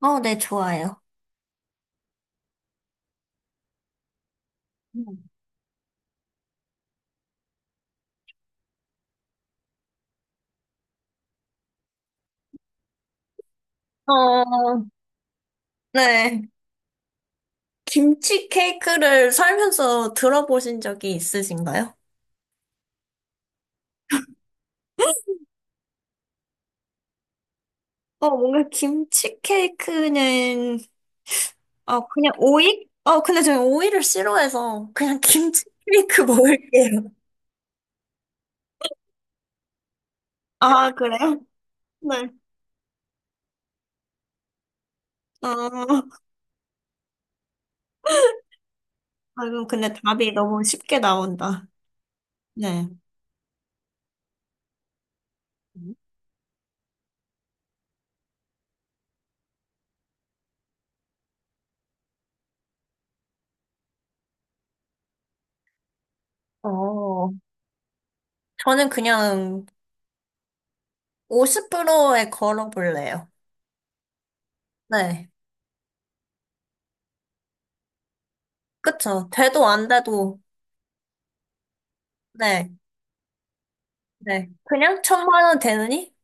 네, 좋아요. 음. 어, 네. 김치 케이크를 살면서 들어보신 적이 있으신가요? 뭔가 김치 케이크는, 그냥 오이? 근데 저는 오이를 싫어해서 그냥 김치 케이크 먹을게요. 아, 그래요? 네. 어, 아이고, 근데 답이 너무 쉽게 나온다. 네. 어, 저는 그냥 50%에 걸어볼래요. 네. 그쵸. 돼도 안 돼도 네, 네. 그냥 천만 원 되느니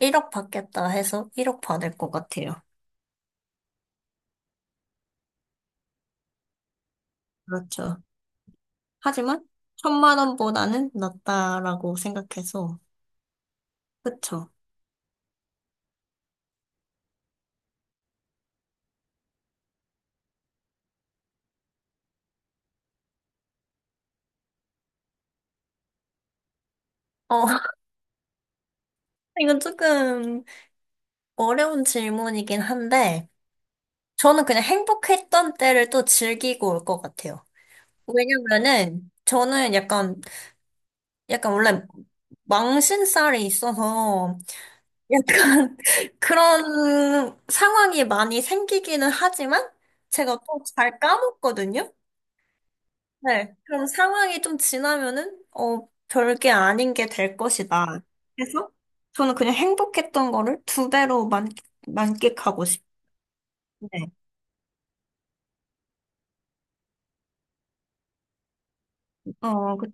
1억 받겠다 해서 1억 받을 것 같아요. 그렇죠. 하지만 천만 원보다는 낫다라고 생각해서, 그쵸. 어, 이건 조금 어려운 질문이긴 한데, 저는 그냥 행복했던 때를 또 즐기고 올 것 같아요. 왜냐면은, 저는 약간 원래 망신살이 있어서, 약간 그런 상황이 많이 생기기는 하지만 제가 또 잘 까먹거든요. 네. 그럼 상황이 좀 지나면은 별게 아닌 게 될 것이다. 그래서 저는 그냥 행복했던 거를 두 배로 만끽하고 싶은데. 그쵸.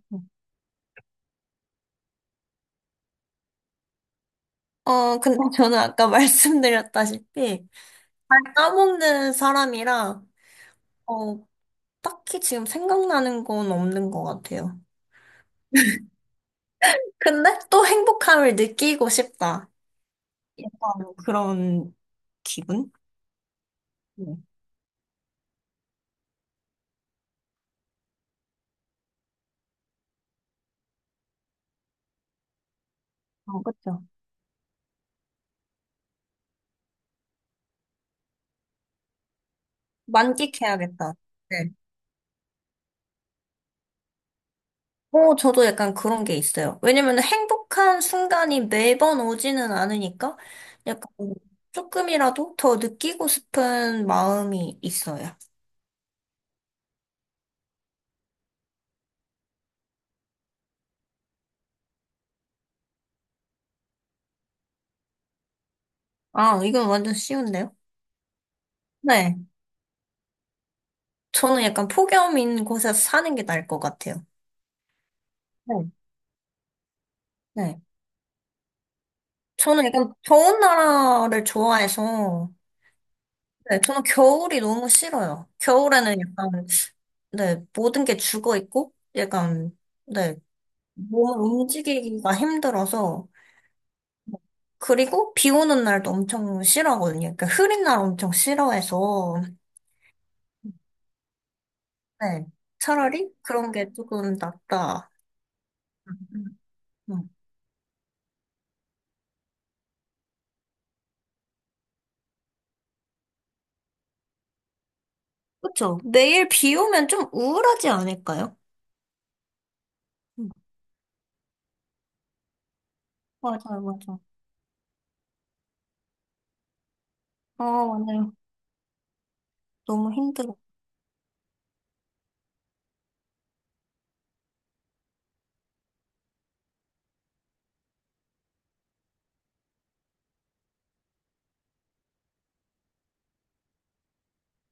근데 저는 아까 말씀드렸다시피 잘 까먹는 사람이라 어, 딱히 지금 생각나는 건 없는 것 같아요. 근데 또 행복함을 느끼고 싶다. 약간 그런 기분? 네. 그쵸. 만끽해야겠다. 네. 저도 약간 그런 게 있어요. 왜냐면 행복한 순간이 매번 오지는 않으니까 약간 조금이라도 더 느끼고 싶은 마음이 있어요. 아, 이건 완전 쉬운데요? 네. 저는 약간 폭염인 곳에서 사는 게 나을 것 같아요. 네. 네. 저는 약간 더운 나라를 좋아해서 네, 저는 겨울이 너무 싫어요. 겨울에는 약간, 네, 모든 게 죽어 있고, 약간, 네, 몸을 움직이기가 힘들어서, 그리고 비 오는 날도 엄청 싫어하거든요. 그러니까 흐린 날 엄청 싫어해서, 네, 차라리 그런 게 조금 낫다. 음, 음. 그쵸? 매일 비 오면 좀 우울하지 않을까요? 음, 맞아요, 맞아요. 아, 맞아요. 너무 힘들어.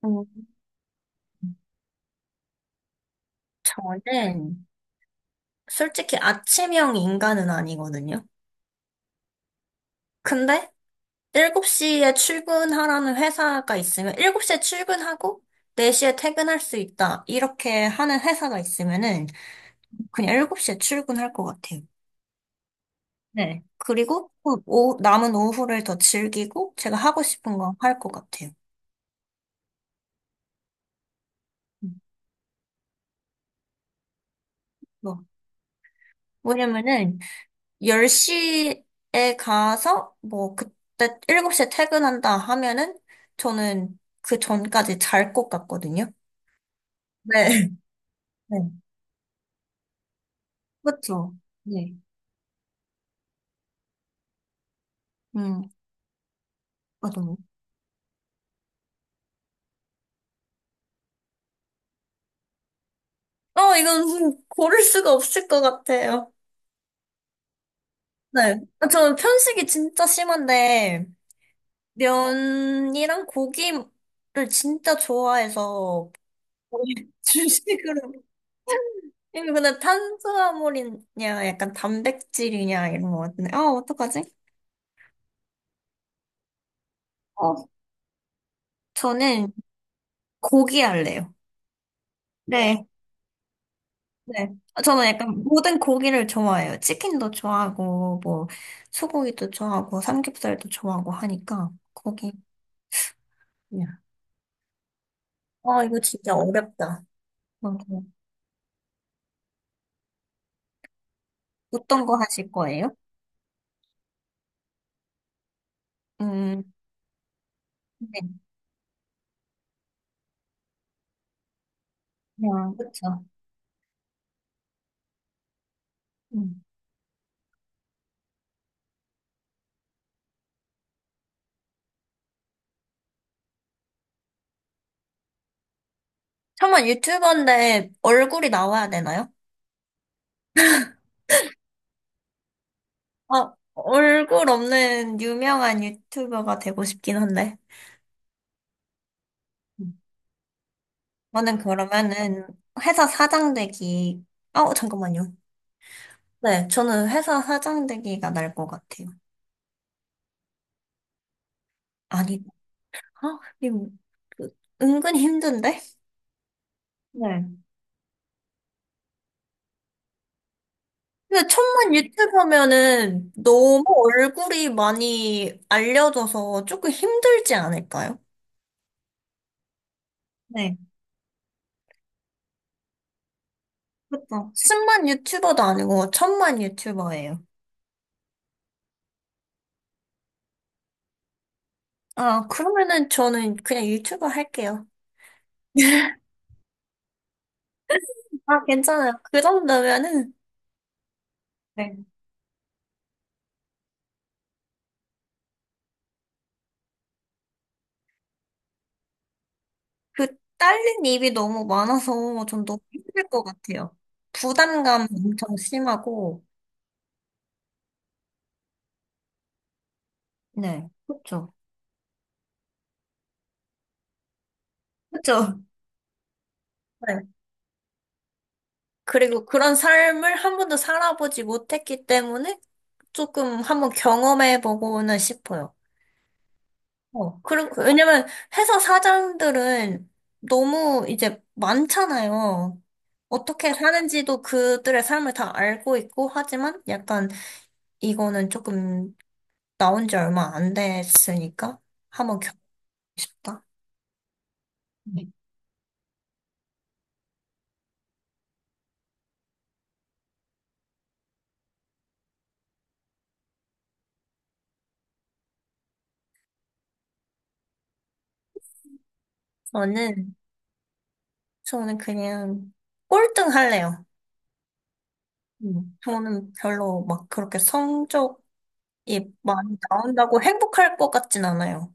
음, 저는 솔직히 아침형 인간은 아니거든요. 근데 7시에 출근하라는 회사가 있으면 7시에 출근하고 4시에 퇴근할 수 있다. 이렇게 하는 회사가 있으면은 그냥 7시에 출근할 것 같아요. 네. 그리고 또 오 남은 오후를 더 즐기고 제가 하고 싶은 거 할 것 같아요. 음, 뭐, 왜냐면은 10시에 가서 뭐 그때 7시에 퇴근한다 하면은 저는 그 전까지 잘 것 같거든요. 네. 네. 그렇죠. 네. 음. 맞아요. 이건 고를 수가 없을 것 같아요. 네. 저 편식이 진짜 심한데, 면이랑 고기를 진짜 좋아해서, 거의 주식으로. 이거 근데 탄수화물이냐, 약간 단백질이냐, 이런 것 같은데. 아, 어떡하지? 어, 저는 고기 할래요. 네. 네. 저는 약간 모든 고기를 좋아해요. 치킨도 좋아하고, 뭐, 소고기도 좋아하고, 삼겹살도 좋아하고 하니까, 고기. 아, 이거 진짜 어렵다. 어, 어떤 거 하실 거예요? 음, 네. 그냥, 그쵸. 음. 설마 유튜버인데 얼굴이 나와야 되나요? 아, 얼굴 없는 유명한 유튜버가 되고 싶긴 한데. 음. 저는 그러면은 회사 사장 되기, 아, 잠깐만요. 네, 저는 회사 사장 되기가 날 것 같아요. 아니, 아, 이거 은근 힘든데? 네. 근데 천만 유튜버면은 너무 얼굴이 많이 알려져서 조금 힘들지 않을까요? 네, 그렇죠. 10만 유튜버도 아니고 천만 유튜버예요. 아, 그러면은 저는 그냥 유튜버 할게요. 아, 괜찮아요. 그 정도면은 네. 그 딸린 입이 너무 많아서 좀 너무 힘들 것 같아요. 부담감 엄청 심하고. 네, 그렇죠. 그렇죠. 그리고 그런 삶을 한 번도 살아보지 못했기 때문에 조금 한번 경험해보고는 싶어요. 그리고, 왜냐면 회사 사장들은 너무 이제 많잖아요. 어떻게 사는지도 그들의 삶을 다 알고 있고, 하지만 약간 이거는 조금 나온 지 얼마 안 됐으니까 한번 겪고 싶다. 네. 저는, 저는 그냥 꼴등 할래요. 저는 별로 막 그렇게 성적 이 많이 나온다고 행복할 것 같진 않아요.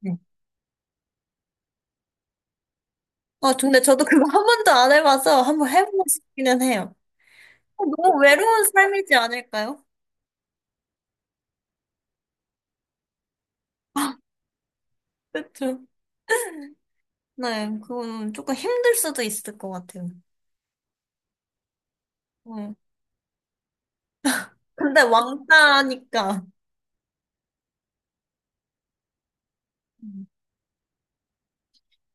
네. 아, 근데 저도 그거 한 번도 안 해봐서 한번 해보고 싶기는 해요. 너무 외로운 삶이지 않을까요? 그쵸. 네, 그건 조금 힘들 수도 있을 것 같아요. 네. 근데 왕따니까. 음,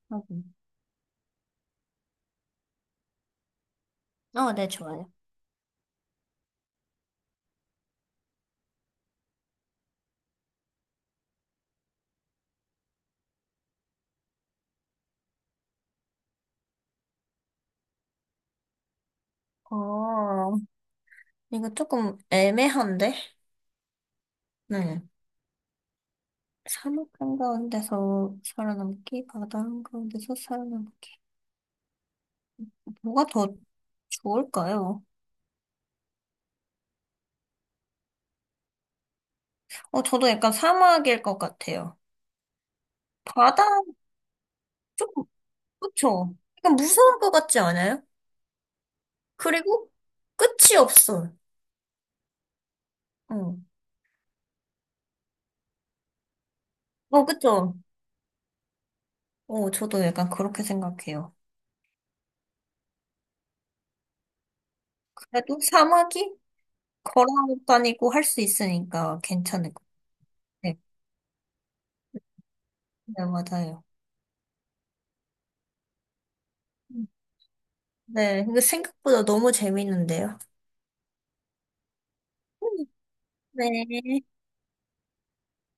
하고. 네, 좋아요. 어, 이거 조금 애매한데? 네. 사막 한가운데서 살아남기, 바다 한가운데서 살아남기. 뭐가 더 좋을까요? 저도 약간 사막일 것 같아요. 바다, 좀, 그쵸? 약간 무서울 것 같지 않아요? 그리고 끝이 없어. 어, 그쵸? 저도 약간 그렇게 생각해요. 그래도 사막이 걸어다니고 할 수 있으니까 괜찮을 것 같아요. 네, 맞아요. 음, 네, 이거 생각보다 너무 재밌는데요. 음, 네.